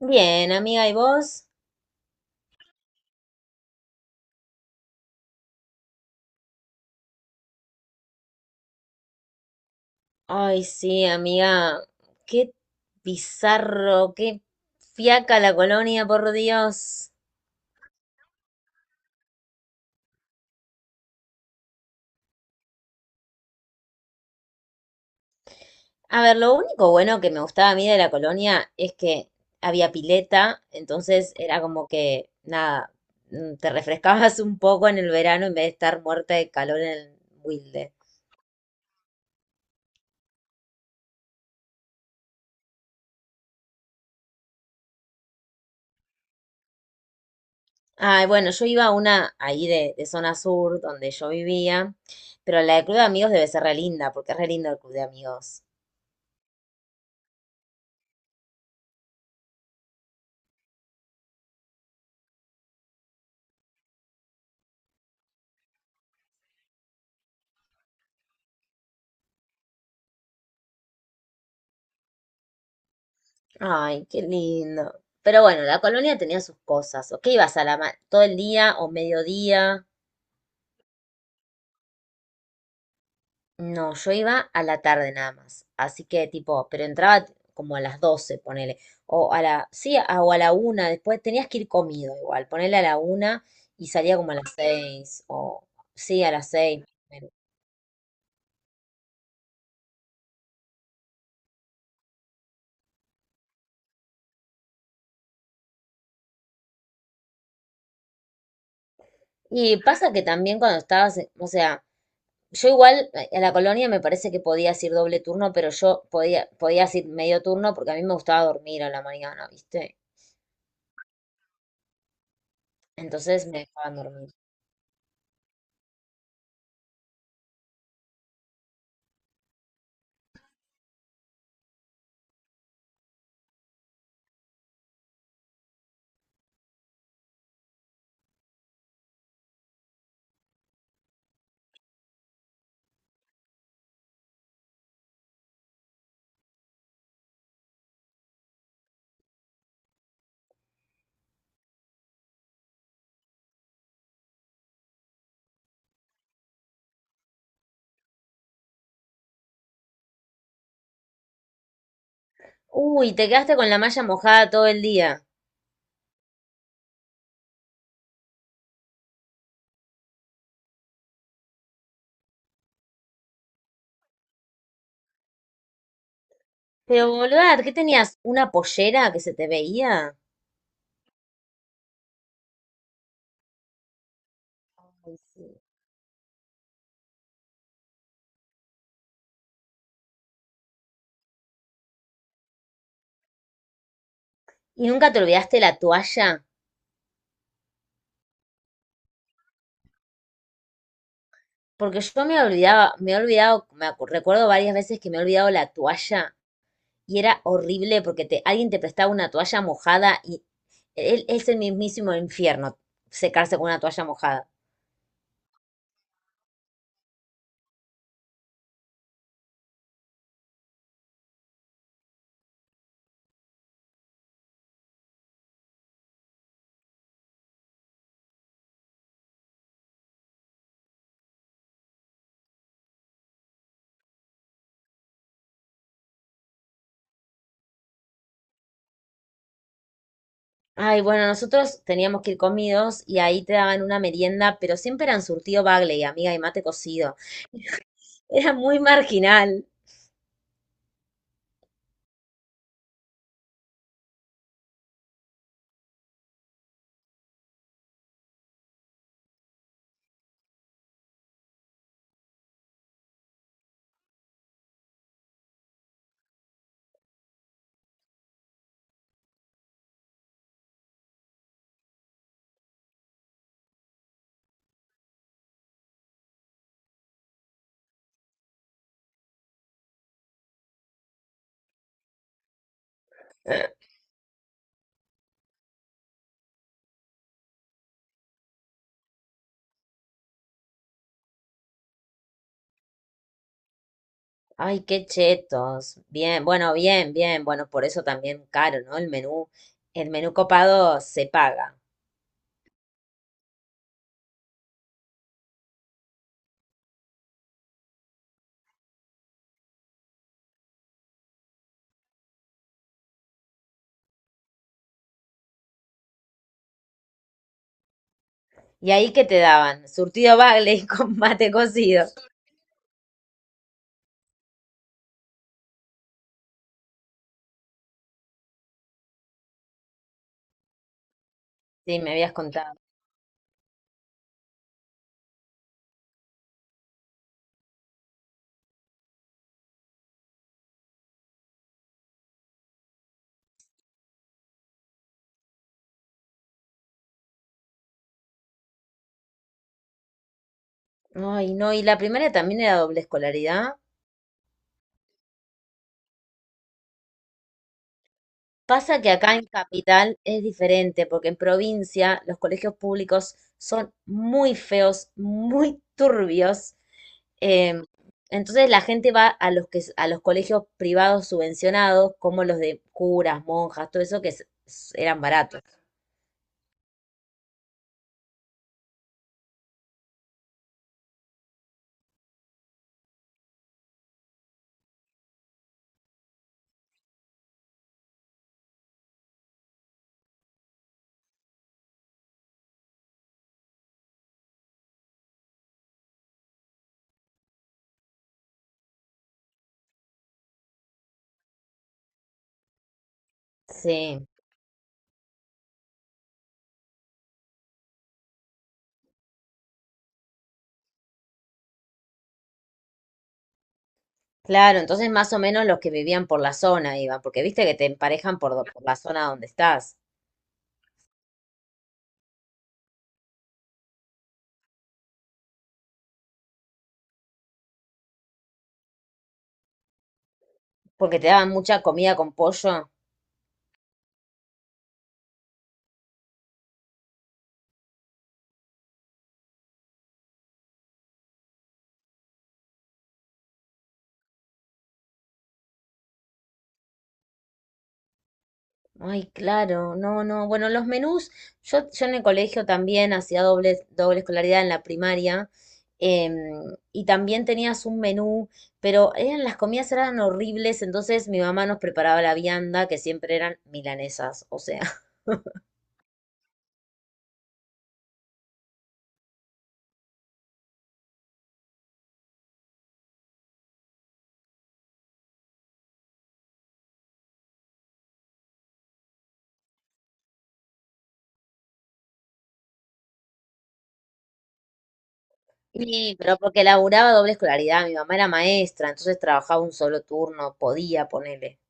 Bien, amiga, ¿y vos? Ay, sí, amiga, qué bizarro, qué fiaca la colonia, por Dios. A ver, lo único bueno que me gustaba a mí de la colonia es que había pileta, entonces era como que, nada, te refrescabas un poco en el verano en vez de estar muerta de calor en el Wilde. Ay, bueno, yo iba a una ahí de zona sur, donde yo vivía, pero la de Club de Amigos debe ser re linda, porque es re lindo el Club de Amigos. Ay, qué lindo. Pero bueno, la colonia tenía sus cosas. ¿O qué ibas a la todo el día o mediodía? No, yo iba a la tarde nada más. Así que tipo, pero entraba como a las 12, ponele. O a la, sí, o a la una, después tenías que ir comido igual, ponele a la una y salía como a las seis, o sí, a las seis. Y pasa que también cuando estabas, o sea, yo igual a la colonia me parece que podías ir doble turno, pero yo podía, podías ir medio turno porque a mí me gustaba dormir a la mañana, ¿viste? Entonces me dejaban dormir. Uy, te quedaste con la malla mojada todo el día. Pero boluda, ¿qué tenías? ¿Una pollera que se te veía? Ay, sí. ¿Y nunca te olvidaste la toalla? Porque yo me olvidaba, me he olvidado, recuerdo varias veces que me he olvidado la toalla. Y era horrible porque te, alguien te prestaba una toalla mojada y él, es el mismísimo infierno secarse con una toalla mojada. Ay, bueno, nosotros teníamos que ir comidos y ahí te daban una merienda, pero siempre eran surtido bagley, amiga, y mate cocido. Era muy marginal. Ay, qué chetos. Bien, bueno, bien, bien. Bueno, por eso también caro, ¿no? El menú copado se paga. ¿Y ahí qué te daban? Surtido bagley con mate cocido. Sí, me habías contado. Ay, no, y la primera también era doble escolaridad. Pasa que acá en capital es diferente, porque en provincia los colegios públicos son muy feos, muy turbios. em, entonces la gente va a los que, a los colegios privados subvencionados, como los de curas, monjas, todo eso que eran baratos. Sí, claro, entonces más o menos los que vivían por la zona iban, porque viste que te emparejan por, por la zona donde estás, porque te daban mucha comida con pollo. Ay, claro, no, no. Bueno, los menús, yo en el colegio también hacía doble escolaridad en la primaria, em, y también tenías un menú, pero eran, las comidas eran horribles, entonces mi mamá nos preparaba la vianda, que siempre eran milanesas, o sea, y pero porque laburaba doble escolaridad, mi mamá era maestra, entonces trabajaba un solo turno, podía ponerle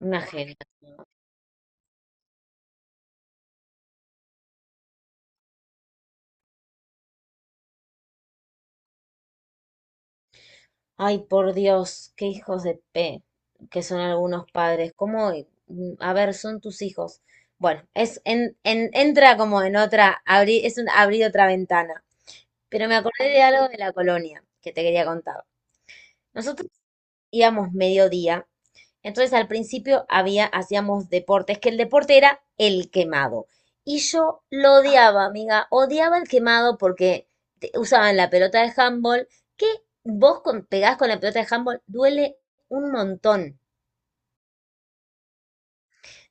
una genia. Ay, por Dios, qué hijos de P que son algunos padres. ¿Cómo? A ver, son tus hijos. Bueno, es entra como en otra, abrir, es un abrir otra ventana. Pero me acordé de algo de la colonia que te quería contar. Nosotros íbamos mediodía entonces al principio había, hacíamos deportes, que el deporte era el quemado. Y yo lo odiaba, amiga, odiaba el quemado porque usaban la pelota de handball, que vos con, pegás con la pelota de handball, duele un montón.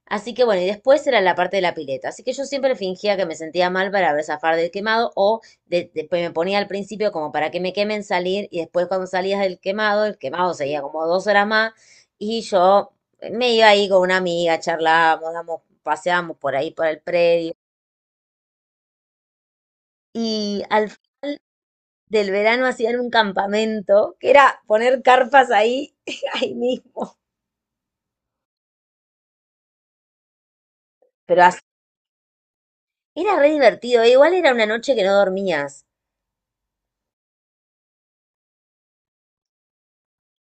Así que bueno, y después era la parte de la pileta. Así que yo siempre fingía que me sentía mal para ver zafar del quemado o después me ponía al principio como para que me quemen salir y después cuando salías del quemado, el quemado seguía como dos horas más y yo me iba ahí con una amiga, charlábamos, damos, paseábamos por ahí, por el predio. Y al final del verano hacían un campamento que era poner carpas ahí, ahí mismo. Pero así, era re divertido. E igual era una noche que no dormías.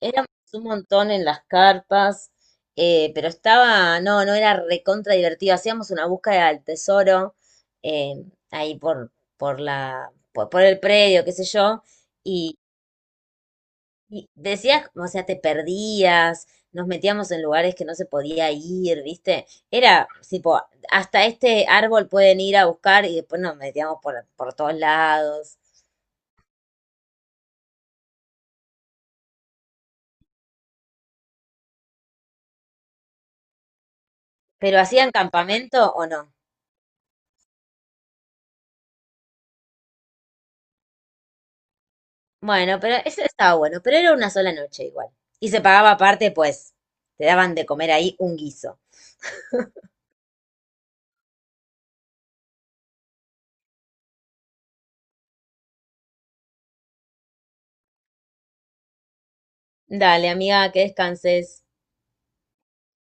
Éramos un montón en las carpas, pero estaba, no, no era recontra divertido. Hacíamos una búsqueda del tesoro, eh, ahí por la, por el predio, qué sé yo, y, y decías, o sea, te perdías, nos metíamos en lugares que no se podía ir, ¿viste? Era tipo, hasta este árbol pueden ir a buscar y después nos metíamos por todos lados. ¿Pero hacían campamento o no? Bueno, pero eso estaba bueno, pero era una sola noche igual. Y se pagaba aparte, pues, te daban de comer ahí un guiso. Dale, amiga, que descanses.